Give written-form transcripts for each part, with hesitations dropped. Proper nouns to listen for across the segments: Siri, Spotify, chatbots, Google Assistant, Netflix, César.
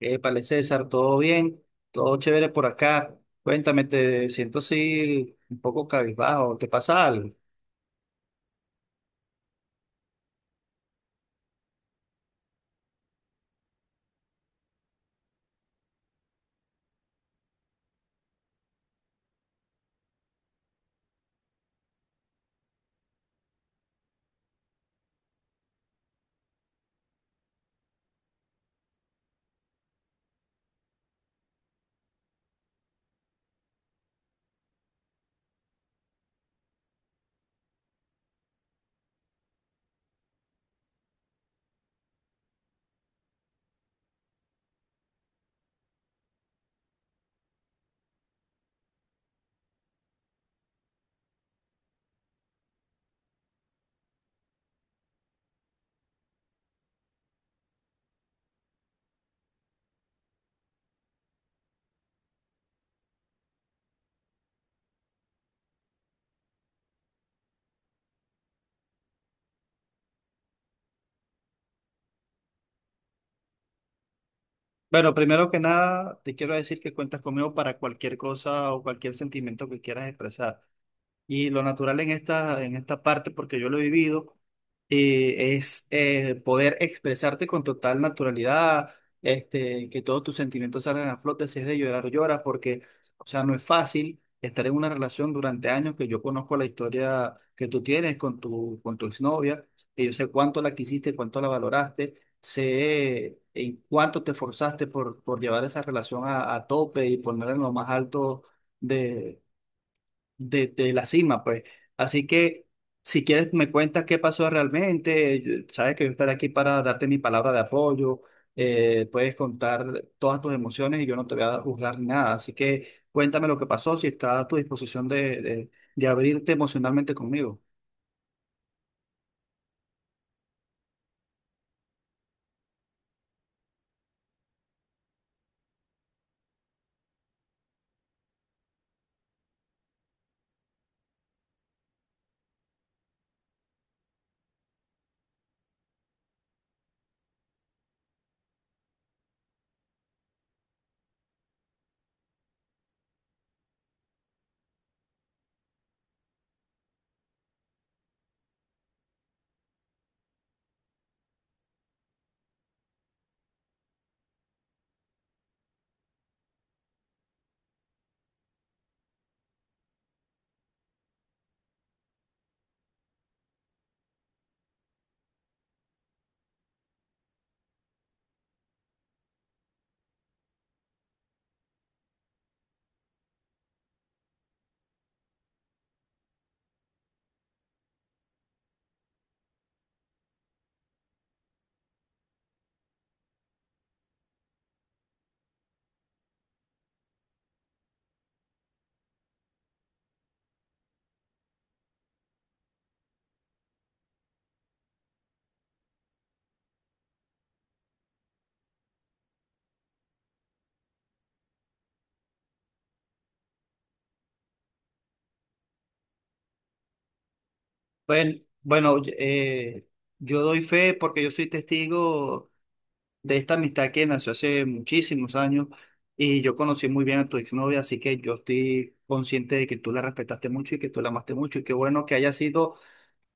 Épale, César, ¿todo bien? ¿Todo chévere por acá? Cuéntame, te siento así un poco cabizbajo, ¿te pasa algo? Bueno, primero que nada, te quiero decir que cuentas conmigo para cualquier cosa o cualquier sentimiento que quieras expresar. Y lo natural en en esta parte, porque yo lo he vivido, es poder expresarte con total naturalidad, este, que todos tus sentimientos salgan a flote, si es de llorar, lloras, porque, o sea, no es fácil estar en una relación durante años que yo conozco la historia que tú tienes con con tu exnovia, que yo sé cuánto la quisiste, cuánto la valoraste, sé en cuánto te esforzaste por llevar esa relación a tope y ponerla en lo más alto de de la cima, pues. Así que si quieres me cuentas qué pasó realmente, sabes que yo estaré aquí para darte mi palabra de apoyo, puedes contar todas tus emociones y yo no te voy a juzgar ni nada, así que cuéntame lo que pasó, si está a tu disposición de abrirte emocionalmente conmigo. Bueno, bueno, eh, yo doy fe porque yo soy testigo de esta amistad que nació hace muchísimos años y yo conocí muy bien a tu exnovia, así que yo estoy consciente de que tú la respetaste mucho y que tú la amaste mucho y qué bueno que haya sido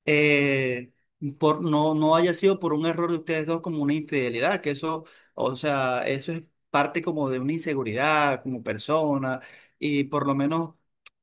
eh, por, no haya sido por un error de ustedes dos como una infidelidad, que eso, o sea, eso es parte como de una inseguridad como persona y por lo menos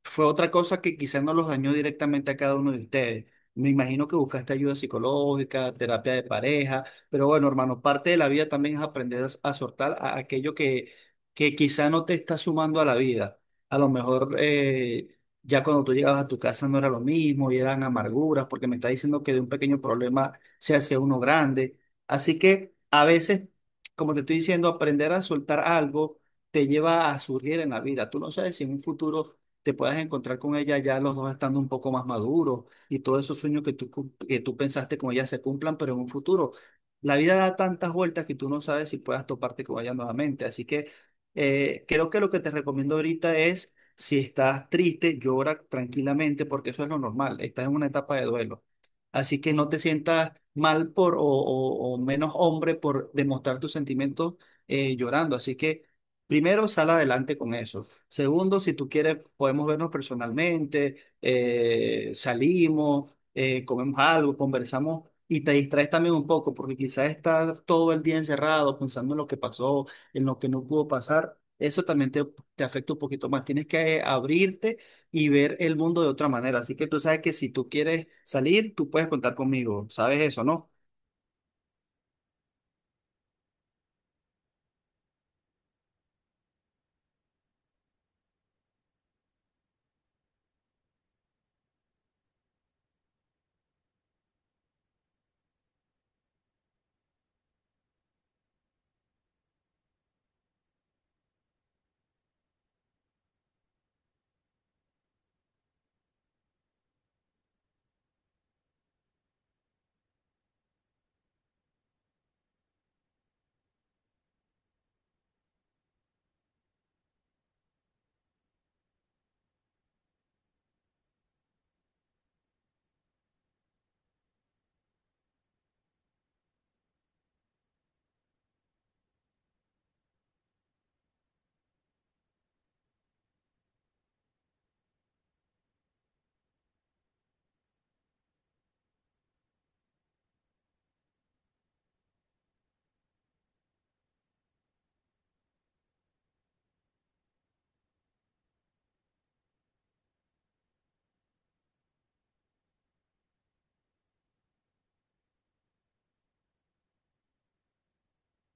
fue otra cosa que quizás no los dañó directamente a cada uno de ustedes. Me imagino que buscaste ayuda psicológica, terapia de pareja, pero bueno, hermano, parte de la vida también es aprender a soltar a aquello que quizá no te está sumando a la vida. A lo mejor ya cuando tú llegabas a tu casa no era lo mismo y eran amarguras, porque me está diciendo que de un pequeño problema se hace uno grande. Así que a veces, como te estoy diciendo, aprender a soltar algo te lleva a surgir en la vida. Tú no sabes si en un futuro te puedas encontrar con ella ya los dos estando un poco más maduros y todos esos sueños que tú, que tú pensaste con ella se cumplan, pero en un futuro. La vida da tantas vueltas que tú no sabes si puedas toparte con ella nuevamente. Así que creo que lo que te recomiendo ahorita es si estás triste, llora tranquilamente porque eso es lo normal. Estás en una etapa de duelo. Así que no te sientas mal por o menos hombre por demostrar tus sentimientos llorando. Así que primero sal adelante con eso. Segundo, si tú quieres, podemos vernos personalmente, salimos, comemos algo, conversamos y te distraes también un poco porque quizás estás todo el día encerrado pensando en lo que pasó, en lo que no pudo pasar. Eso también te afecta un poquito más. Tienes que abrirte y ver el mundo de otra manera. Así que tú sabes que si tú quieres salir, tú puedes contar conmigo. ¿Sabes eso, no?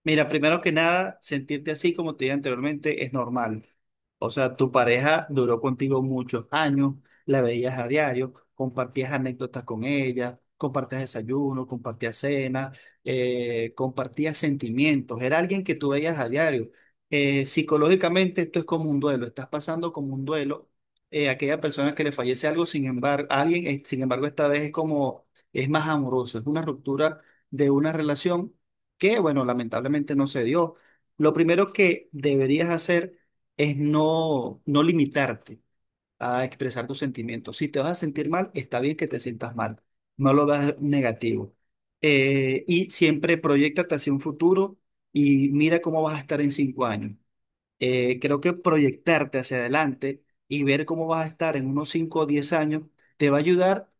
Mira, primero que nada, sentirte así, como te dije anteriormente, es normal. O sea, tu pareja duró contigo muchos años, la veías a diario, compartías anécdotas con ella, compartías desayuno, compartías cena, compartías sentimientos. Era alguien que tú veías a diario. Psicológicamente esto es como un duelo, estás pasando como un duelo. Eh, aquella persona que le fallece algo, sin embargo, alguien, sin embargo, esta vez es como, es más amoroso, es una ruptura de una relación que, bueno, lamentablemente no se dio. Lo primero que deberías hacer es no limitarte a expresar tus sentimientos. Si te vas a sentir mal, está bien que te sientas mal, no lo veas negativo. Y siempre proyéctate hacia un futuro y mira cómo vas a estar en 5 años. Creo que proyectarte hacia adelante y ver cómo vas a estar en unos 5 o 10 años te va a ayudar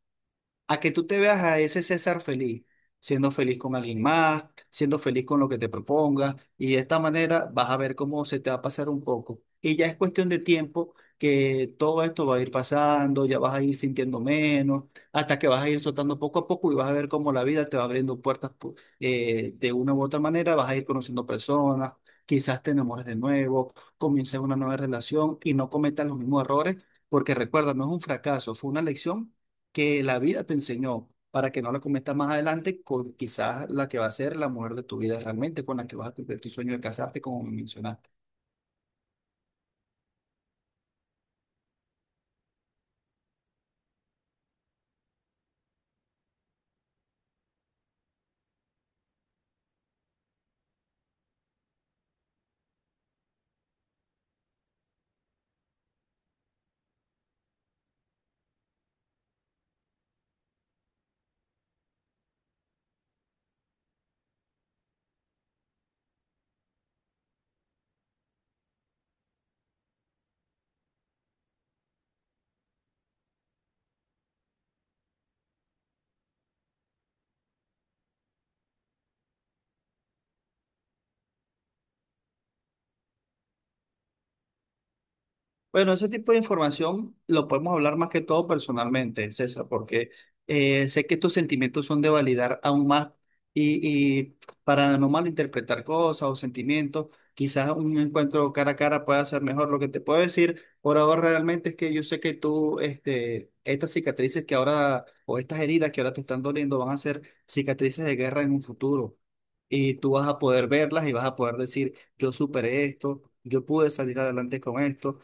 a que tú te veas a ese César feliz, siendo feliz con alguien más, siendo feliz con lo que te propongas, y de esta manera vas a ver cómo se te va a pasar un poco. Y ya es cuestión de tiempo que todo esto va a ir pasando, ya vas a ir sintiendo menos, hasta que vas a ir soltando poco a poco y vas a ver cómo la vida te va abriendo puertas de una u otra manera, vas a ir conociendo personas, quizás te enamores de nuevo, comiences una nueva relación y no cometas los mismos errores, porque recuerda, no es un fracaso, fue una lección que la vida te enseñó para que no la cometas más adelante con quizás la que va a ser la mujer de tu vida realmente, con la que vas a cumplir tu sueño de casarte, como mencionaste. Bueno, ese tipo de información lo podemos hablar más que todo personalmente, César, porque sé que tus sentimientos son de validar aún más y, y para no malinterpretar cosas o sentimientos, quizás un encuentro cara a cara pueda ser mejor. Lo que te puedo decir por ahora realmente es que yo sé que tú, este, estas cicatrices que ahora, o estas heridas que ahora te están doliendo van a ser cicatrices de guerra en un futuro. Y tú vas a poder verlas y vas a poder decir, yo superé esto, yo pude salir adelante con esto.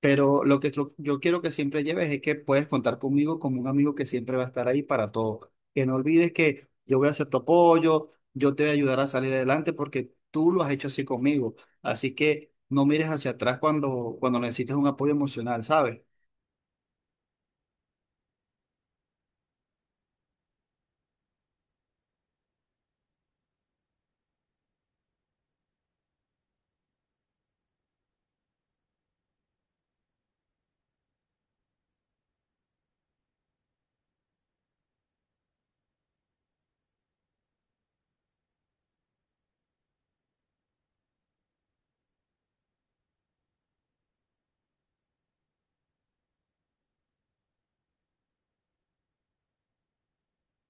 Pero lo que yo quiero que siempre lleves es que puedes contar conmigo como un amigo que siempre va a estar ahí para todo. Que no olvides que yo voy a ser tu apoyo, yo te voy a ayudar a salir adelante porque tú lo has hecho así conmigo. Así que no mires hacia atrás cuando necesites un apoyo emocional, ¿sabes?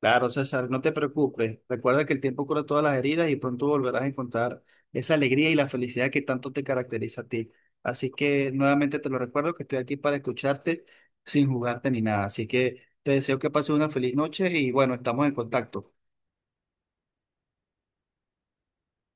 Claro, César, no te preocupes. Recuerda que el tiempo cura todas las heridas y pronto volverás a encontrar esa alegría y la felicidad que tanto te caracteriza a ti. Así que nuevamente te lo recuerdo que estoy aquí para escucharte sin jugarte ni nada. Así que te deseo que pases una feliz noche y bueno, estamos en contacto.